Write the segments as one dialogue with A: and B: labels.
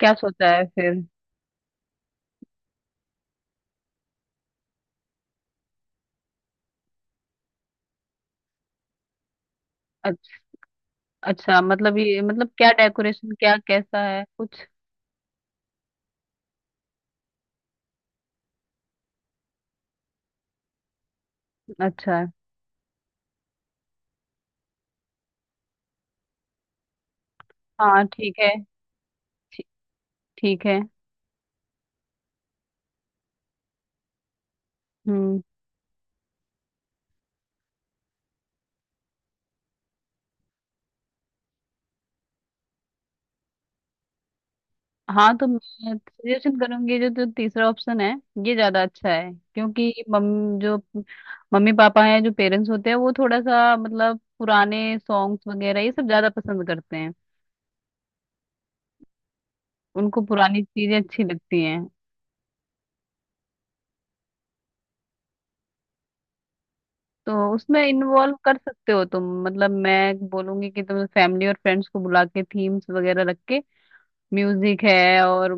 A: क्या सोचा है फिर। अच्छा। अच्छा मतलब ये मतलब क्या डेकोरेशन क्या कैसा है कुछ। अच्छा है। हाँ ठीक है। ठी- ठीक है। हम्म। हाँ तो मैं सजेशन करूंगी जो जो तीसरा ऑप्शन है। ये ज्यादा अच्छा है क्योंकि मम जो मम्मी पापा हैं जो पेरेंट्स होते हैं वो थोड़ा सा मतलब पुराने सॉन्ग्स वगैरह ये सब ज्यादा पसंद करते हैं। उनको पुरानी चीजें अच्छी लगती हैं। तो उसमें इन्वॉल्व कर सकते हो तुम, मतलब मैं बोलूंगी कि तुम फैमिली और फ्रेंड्स को बुला के थीम्स वगैरह रख के म्यूजिक है और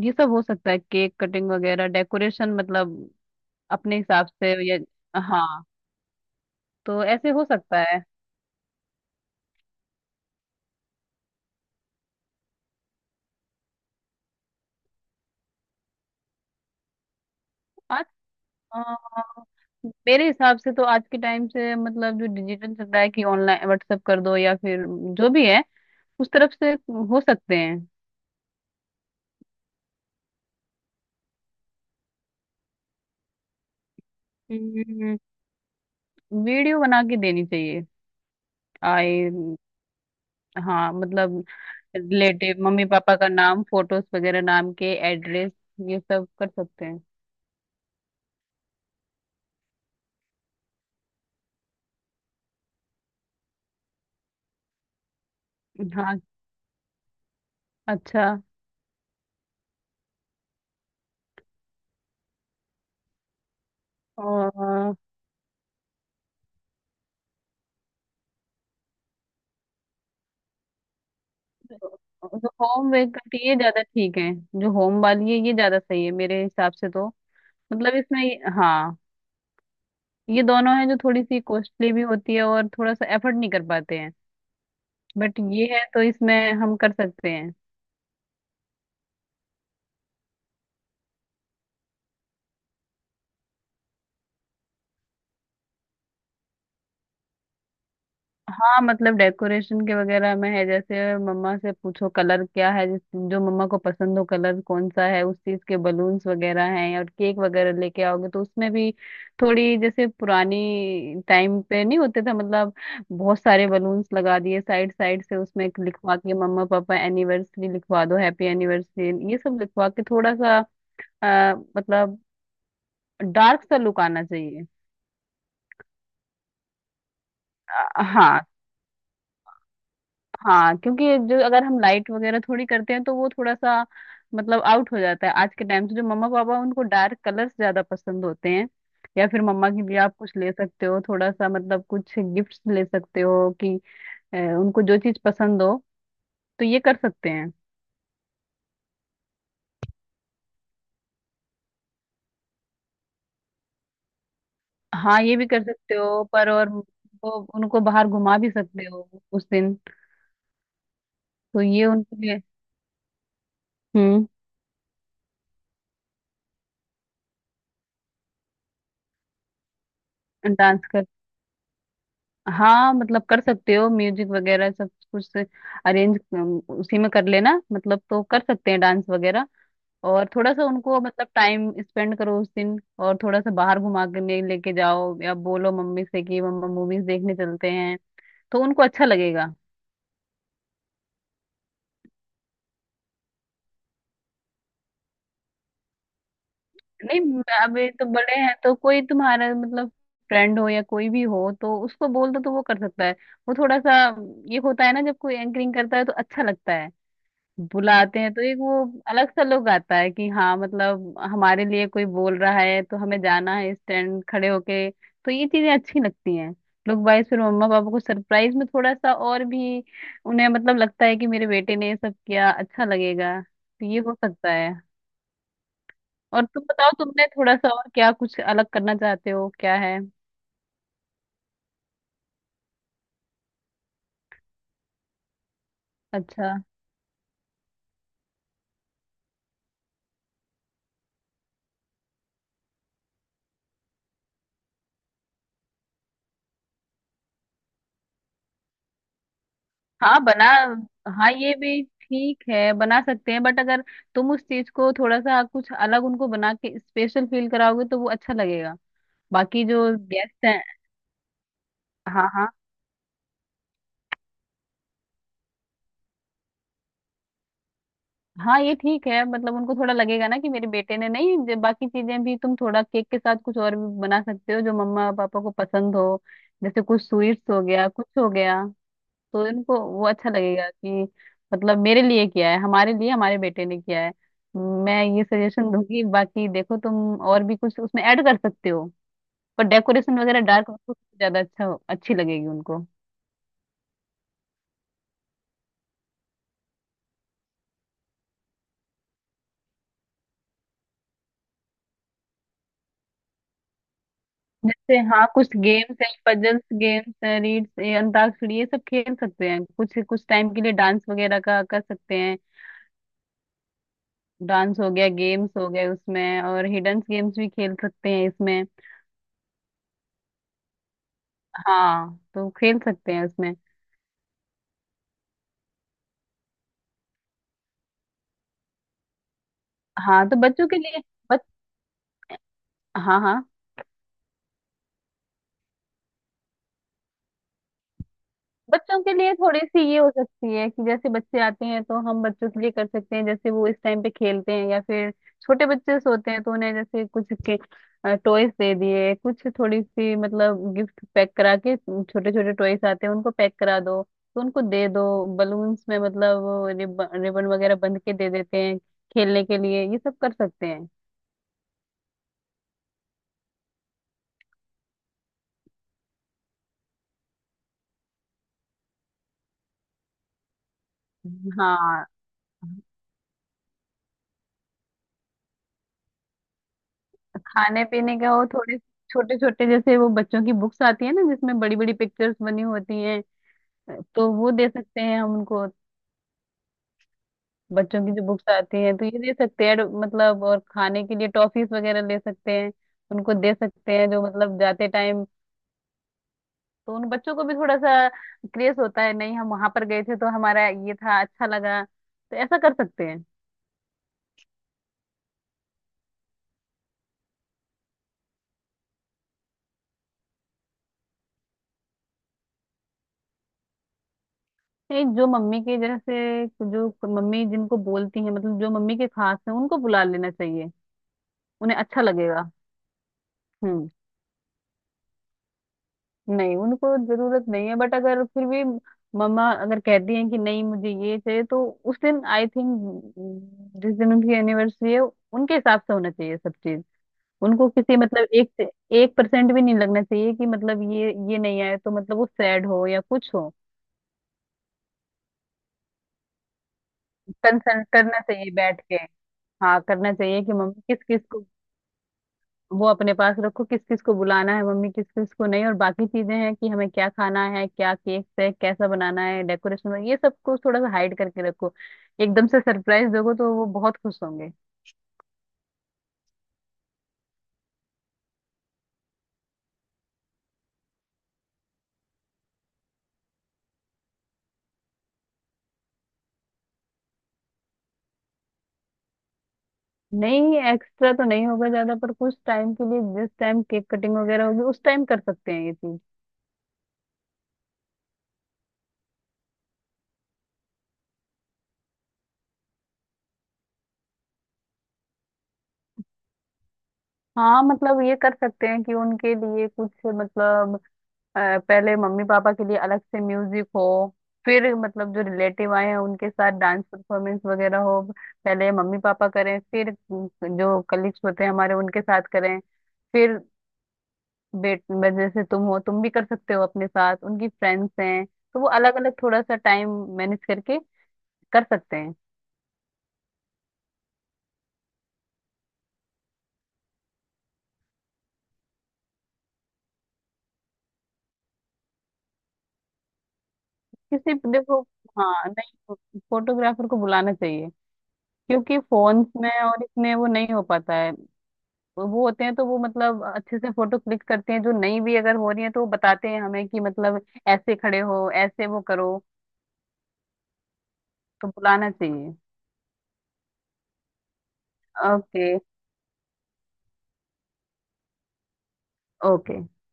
A: ये सब हो सकता है, केक कटिंग वगैरह डेकोरेशन मतलब अपने हिसाब से ये, हाँ तो ऐसे हो सकता है। आज अ, मेरे हिसाब से तो आज के टाइम से मतलब जो डिजिटल चल रहा है कि ऑनलाइन व्हाट्सएप कर दो या फिर जो भी है उस तरफ से हो सकते हैं। हम्म, वीडियो बना के देनी चाहिए। आए, हाँ मतलब रिलेटिव मम्मी पापा का नाम फोटोज वगैरह नाम के एड्रेस ये सब कर सकते हैं। हाँ। अच्छा। और जो होम मेक करती है ये ज्यादा ठीक है। जो होम वाली है ये ज्यादा सही है मेरे हिसाब से तो। मतलब इसमें हाँ, ये दोनों है जो थोड़ी सी कॉस्टली भी होती है और थोड़ा सा एफर्ट नहीं कर पाते हैं। बट ये है तो इसमें हम कर सकते हैं। हाँ मतलब डेकोरेशन के वगैरह में है जैसे मम्मा से पूछो कलर क्या है, जिस जो मम्मा को पसंद हो कलर कौन सा है उस चीज के बलून्स वगैरह हैं। और केक वगैरह लेके आओगे तो उसमें भी थोड़ी जैसे पुरानी टाइम पे नहीं होते थे, मतलब बहुत सारे बलून्स लगा दिए साइड साइड से, उसमें एक लिखवा के मम्मा पापा एनिवर्सरी लिखवा दो, हैप्पी एनिवर्सरी ये सब लिखवा के थोड़ा सा अ, मतलब डार्क सा लुक आना चाहिए। हाँ। हाँ क्योंकि जो अगर हम लाइट वगैरह थोड़ी करते हैं तो वो थोड़ा सा मतलब आउट हो जाता है आज के टाइम से। जो मम्मा पापा उनको डार्क कलर्स ज्यादा पसंद होते हैं। या फिर मम्मा के लिए आप कुछ ले सकते हो, थोड़ा सा मतलब कुछ गिफ्ट्स ले सकते हो कि उनको जो चीज पसंद हो, तो ये कर सकते हैं। हाँ ये भी कर सकते हो पर, और वो उनको बाहर घुमा भी सकते हो उस दिन। तो ये उनके लिए। हम्म। डांस, हाँ मतलब कर सकते हो, म्यूजिक वगैरह सब कुछ अरेंज उसी में कर लेना, मतलब तो कर सकते हैं डांस वगैरह। और थोड़ा सा उनको मतलब टाइम स्पेंड करो उस दिन, और थोड़ा सा बाहर घुमा के लेके जाओ, या बोलो मम्मी से कि मम्मा मूवीज देखने चलते हैं, तो उनको अच्छा लगेगा। नहीं अब ये तो बड़े हैं तो कोई तुम्हारा मतलब फ्रेंड हो या कोई भी हो तो उसको बोल दो तो वो कर सकता है। वो थोड़ा सा ये होता है ना, जब कोई एंकरिंग करता है तो अच्छा लगता है। बुलाते हैं तो एक वो अलग सा लोग आता है कि हाँ मतलब हमारे लिए कोई बोल रहा है तो हमें जाना है स्टैंड खड़े होके, तो ये चीजें अच्छी लगती हैं। लोग वाइस फिर मम्मा पापा को सरप्राइज में थोड़ा सा और भी उन्हें मतलब लगता है कि मेरे बेटे ने ये सब किया, अच्छा लगेगा, तो ये हो सकता है। और तुम बताओ तुमने थोड़ा सा और क्या कुछ अलग करना चाहते हो क्या है। अच्छा। हाँ बना, हाँ ये भी ठीक है बना सकते हैं। बट अगर तुम उस चीज को थोड़ा सा कुछ अलग उनको बना के स्पेशल फील कराओगे तो वो अच्छा लगेगा। बाकी जो गेस्ट हैं। हाँ हाँ। हाँ ये ठीक है मतलब उनको थोड़ा लगेगा ना कि मेरे बेटे ने, नहीं जो बाकी चीजें भी तुम थोड़ा केक के साथ कुछ और भी बना सकते हो जो मम्मा पापा को पसंद हो, जैसे कुछ स्वीट्स हो गया, कुछ हो गया। तो इनको वो अच्छा लगेगा कि मतलब मेरे लिए किया है, हमारे लिए हमारे बेटे ने किया है। मैं ये सजेशन दूंगी, बाकी देखो तुम और भी कुछ उसमें ऐड कर सकते हो। पर डेकोरेशन वगैरह डार्क ज्यादा अच्छा हो, अच्छी लगेगी उनको। जैसे हाँ कुछ गेम्स हैं, पजल्स गेम्स हैं, रीड्स, ये अंताक्षरी, ये सब खेल सकते हैं कुछ कुछ टाइम के लिए। डांस वगैरह का कर सकते हैं, डांस हो गया, गेम्स हो गए उसमें, और हिडन गेम्स भी खेल सकते हैं इसमें। हाँ तो खेल सकते हैं उसमें। हाँ तो बच्चों के लिए, हाँ हाँ, बच्चों के लिए थोड़ी सी ये हो सकती है कि जैसे बच्चे आते हैं तो हम बच्चों के लिए कर सकते हैं, जैसे वो इस टाइम पे खेलते हैं या फिर छोटे बच्चे सोते हैं तो उन्हें जैसे कुछ के टॉयज दे दिए, कुछ थोड़ी सी मतलब गिफ्ट पैक करा के, छोटे छोटे टॉयज आते हैं उनको पैक करा दो, तो उनको दे दो। बलून्स में मतलब रिबन रिबन वगैरह बंध के दे देते हैं खेलने के लिए, ये सब कर सकते हैं। हाँ खाने पीने का वो थोड़े छोटे छोटे, जैसे वो बच्चों की बुक्स आती है ना जिसमें बड़ी बड़ी पिक्चर्स बनी होती हैं, तो वो दे सकते हैं हम उनको। बच्चों की जो बुक्स आती हैं तो ये दे सकते हैं। मतलब और खाने के लिए टॉफीज वगैरह ले सकते हैं, उनको दे सकते हैं जो मतलब जाते टाइम। तो उन बच्चों को भी थोड़ा सा क्रेज होता है, नहीं हम वहां पर गए थे तो हमारा ये था अच्छा लगा, तो ऐसा कर सकते हैं। नहीं जो मम्मी के जैसे जो मम्मी जिनको बोलती हैं, मतलब जो मम्मी के खास हैं उनको बुला लेना चाहिए। उन्हें अच्छा लगेगा। हम्म। नहीं उनको जरूरत नहीं है, बट अगर फिर भी मम्मा अगर कहती हैं कि नहीं मुझे ये चाहिए, तो उस दिन आई थिंक जिस दिन उनकी एनिवर्सरी है उनके हिसाब से होना चाहिए सब चीज। उनको किसी मतलब एक से एक परसेंट भी नहीं लगना चाहिए कि मतलब ये नहीं आया तो मतलब वो सैड हो या कुछ हो। कंसल्ट करना चाहिए बैठ के। हाँ करना चाहिए कि मम्मी किस किस को, वो अपने पास रखो किस किस को बुलाना है मम्मी, किस किस को नहीं। और बाकी चीजें हैं कि हमें क्या खाना है, क्या केक है, कैसा बनाना है, डेकोरेशन ये सब को थोड़ा सा हाइड करके रखो। एकदम से सरप्राइज दोगे तो वो बहुत खुश होंगे। नहीं एक्स्ट्रा तो नहीं होगा ज्यादा, पर कुछ टाइम के लिए जिस टाइम केक कटिंग वगैरह होगी उस टाइम कर सकते हैं ये चीज। हाँ मतलब ये कर सकते हैं कि उनके लिए कुछ मतलब अ, पहले मम्मी पापा के लिए अलग से म्यूजिक हो, फिर मतलब जो रिलेटिव आए हैं उनके साथ डांस परफॉर्मेंस वगैरह हो। पहले मम्मी पापा करें, फिर जो कलीग्स होते हैं हमारे उनके साथ करें, फिर बेट जैसे तुम हो तुम भी कर सकते हो अपने साथ, उनकी फ्रेंड्स हैं, तो वो अलग अलग थोड़ा सा टाइम मैनेज करके कर सकते हैं। किसी देखो, हाँ नहीं फोटोग्राफर को बुलाना चाहिए, क्योंकि फोन्स में और इसमें वो नहीं हो पाता है। वो होते हैं तो वो मतलब अच्छे से फोटो क्लिक करते हैं, जो नहीं भी अगर हो रही है तो वो बताते हैं हमें कि मतलब ऐसे खड़े हो ऐसे वो करो, तो बुलाना चाहिए। Okay okay.